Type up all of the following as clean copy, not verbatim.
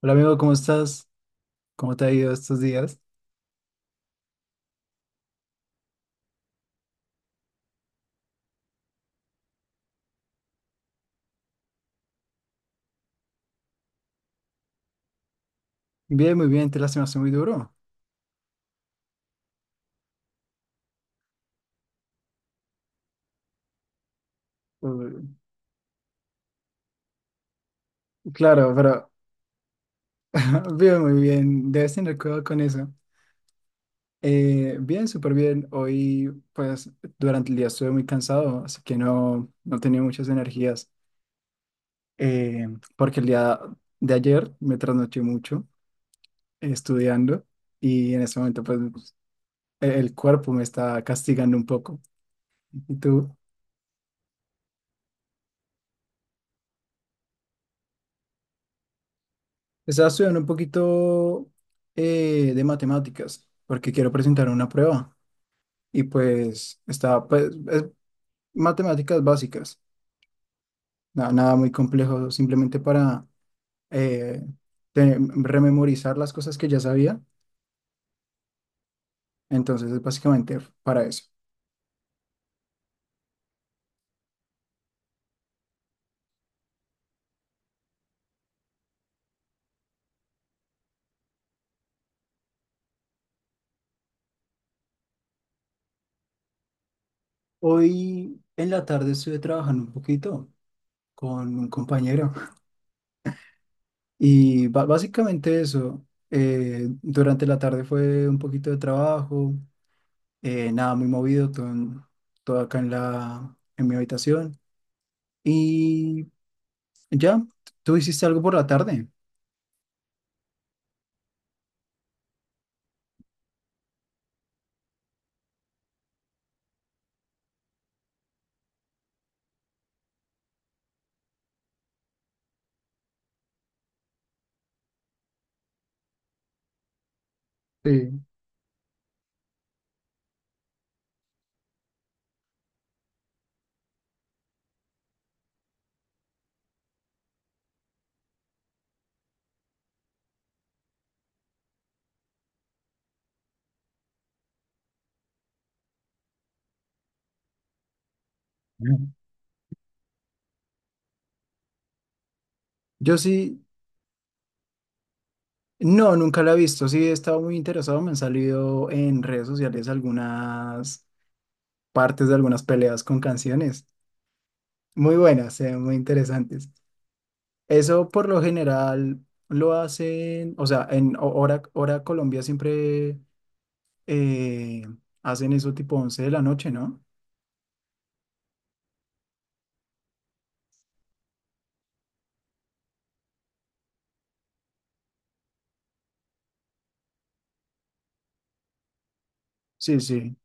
Hola amigo, ¿cómo estás? ¿Cómo te ha ido estos días? Bien, muy bien, te lastimaste muy duro. Uh, claro, pero bien, muy bien, debes tener cuidado con eso. Bien, súper bien. Hoy, pues, durante el día estuve muy cansado, así que no, no tenía muchas energías, eh, porque el día de ayer me trasnoché mucho, estudiando, y en ese momento, pues, el cuerpo me está castigando un poco. ¿Y tú? Estaba estudiando un poquito, de matemáticas porque quiero presentar una prueba, y pues estaba, pues, es matemáticas básicas, nada muy complejo, simplemente para eh, rememorizar las cosas que ya sabía, entonces es básicamente para eso. Hoy en la tarde estuve trabajando un poquito con un compañero, y básicamente eso. Durante la tarde fue un poquito de trabajo. Nada, muy movido, todo, todo acá en mi habitación. Y ya, ¿tú hiciste algo por la tarde? Sí. Mm. Yo sí, no, nunca la he visto, sí he estado muy interesado, me han salido en redes sociales algunas partes de algunas peleas con canciones, muy buenas, muy interesantes. Eso por lo general lo hacen, o sea, en hora Colombia, siempre eh, hacen eso tipo 11 de la noche, ¿no? Sí, sí.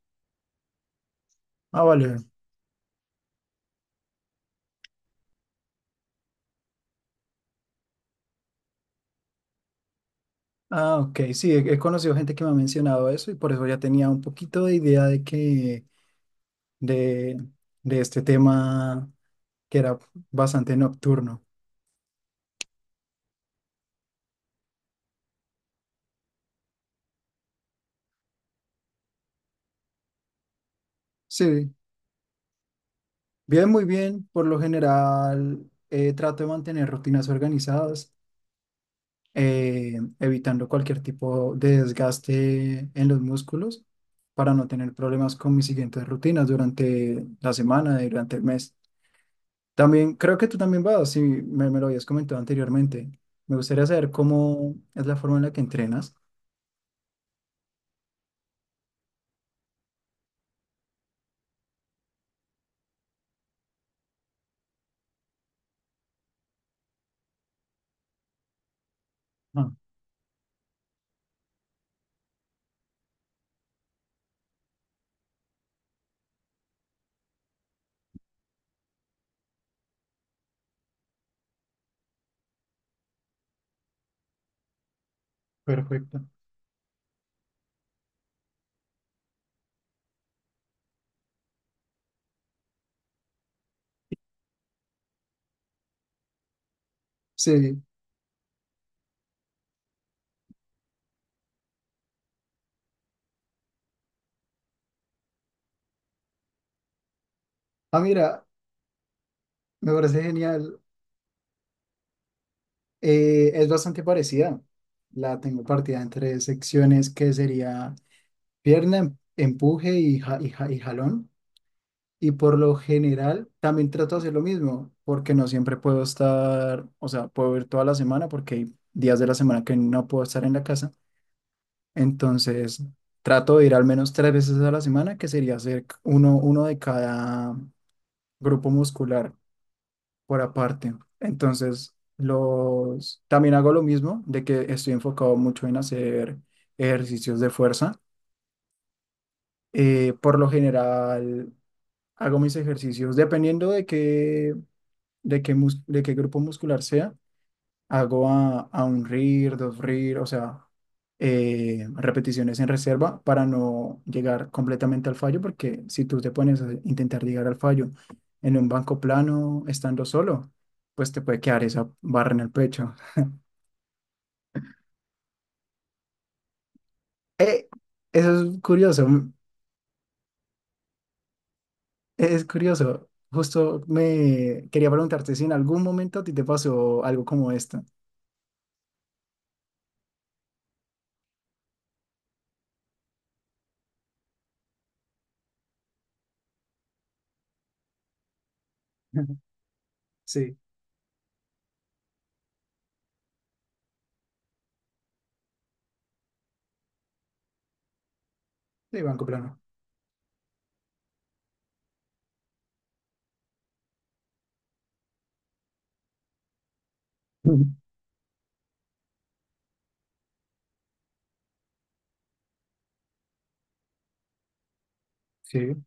Ah, vale. Ah, ok, sí, he conocido gente que me ha mencionado eso, y por eso ya tenía un poquito de idea de, de este tema, que era bastante nocturno. Sí, bien, muy bien. Por lo general, trato de mantener rutinas organizadas, evitando cualquier tipo de desgaste en los músculos para no tener problemas con mis siguientes rutinas durante la semana y durante el mes. También creo que tú también vas, si me lo habías comentado anteriormente. Me gustaría saber cómo es la forma en la que entrenas. Ah, perfecto. Sí. Ah, mira, me parece genial. Es bastante parecida. La tengo partida en tres secciones que sería pierna, empuje y jalón. Y por lo general también trato de hacer lo mismo, porque no siempre puedo estar, o sea, puedo ir toda la semana porque hay días de la semana que no puedo estar en la casa. Entonces, trato de ir al menos 3 veces a la semana, que sería hacer uno de cada grupo muscular por aparte. Entonces, también hago lo mismo, de que estoy enfocado mucho en hacer ejercicios de fuerza. Por lo general, hago mis ejercicios dependiendo de qué grupo muscular sea. Hago a un RIR, dos RIR, o sea, repeticiones en reserva para no llegar completamente al fallo, porque si tú te pones a intentar llegar al fallo en un banco plano, estando solo, pues te puede quedar esa barra en el pecho. Eh, eso es curioso, es curioso. Justo me quería preguntarte si en algún momento a ti te pasó algo como esto. Ujú. Sí, sí, banco plano. Ujú. Sí,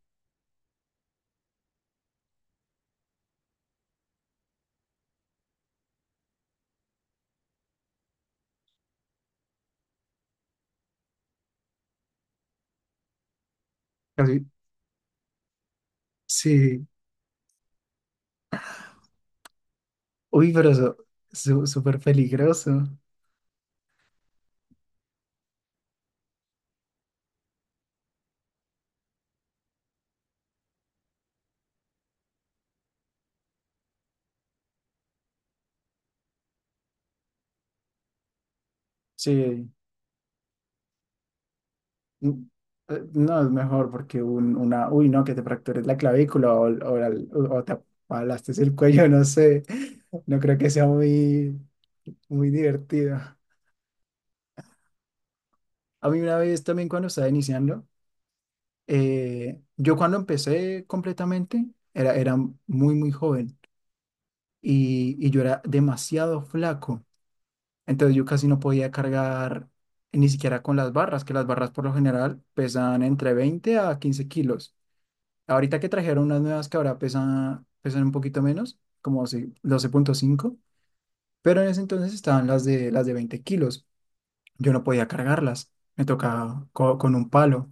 casi. Sí. Uy, pero eso, súper peligroso. Sí, n- no es mejor, porque una, uy, no, que te fractures la clavícula, o te aplastes el cuello, no sé. No creo que sea muy, muy divertido. A mí una vez también, cuando estaba iniciando, yo cuando empecé completamente era muy, muy joven, y yo era demasiado flaco. Entonces yo casi no podía cargar ni siquiera con las barras, que las barras por lo general pesan entre 20 a 15 kilos. Ahorita que trajeron unas nuevas que ahora pesan un poquito menos, como 12,5, pero en ese entonces estaban las de 20 kilos. Yo no podía cargarlas, me tocaba con un palo.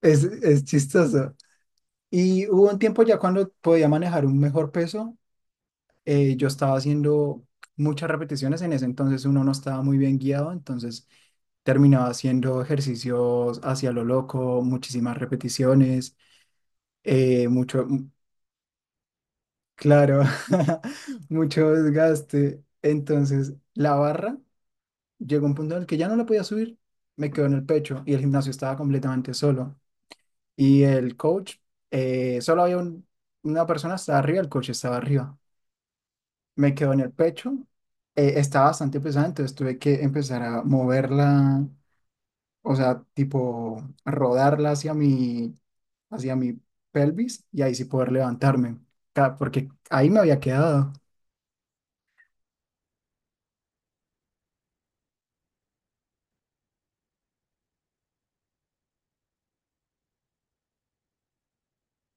Es chistoso. Y hubo un tiempo ya cuando podía manejar un mejor peso, yo estaba haciendo muchas repeticiones. En ese entonces uno no estaba muy bien guiado, entonces terminaba haciendo ejercicios hacia lo loco, muchísimas repeticiones, mucho, claro, mucho desgaste. Entonces, la barra llegó a un punto en el que ya no la podía subir, me quedó en el pecho y el gimnasio estaba completamente solo. Y el coach, solo había una persona, estaba arriba, el coach estaba arriba. Me quedó en el pecho, estaba bastante pesada, entonces tuve que empezar a moverla, o sea, tipo rodarla hacia mi pelvis y ahí sí poder levantarme, porque ahí me había quedado.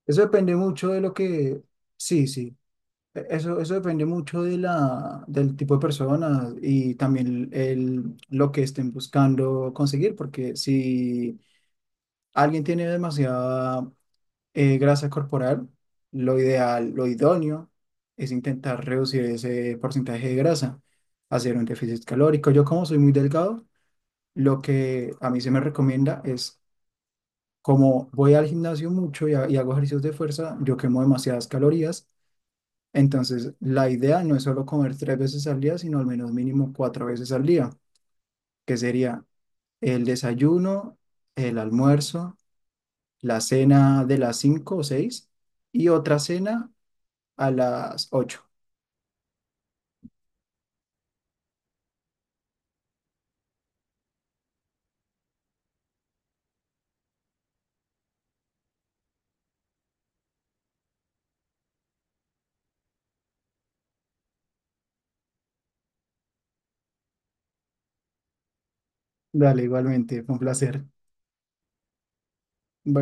Eso depende mucho de lo que, sí, sí, eso depende mucho del tipo de personas y también lo que estén buscando conseguir, porque si alguien tiene demasiada, grasa corporal, lo ideal, lo idóneo es intentar reducir ese porcentaje de grasa, hacer un déficit calórico. Yo como soy muy delgado, lo que a mí se me recomienda es, como voy al gimnasio mucho y hago ejercicios de fuerza, yo quemo demasiadas calorías, entonces la idea no es solo comer 3 veces al día, sino al menos mínimo 4 veces al día, que sería el desayuno, el almuerzo, la cena de las 5 o 6 y otra cena a las 8. Dale, igualmente, fue un placer.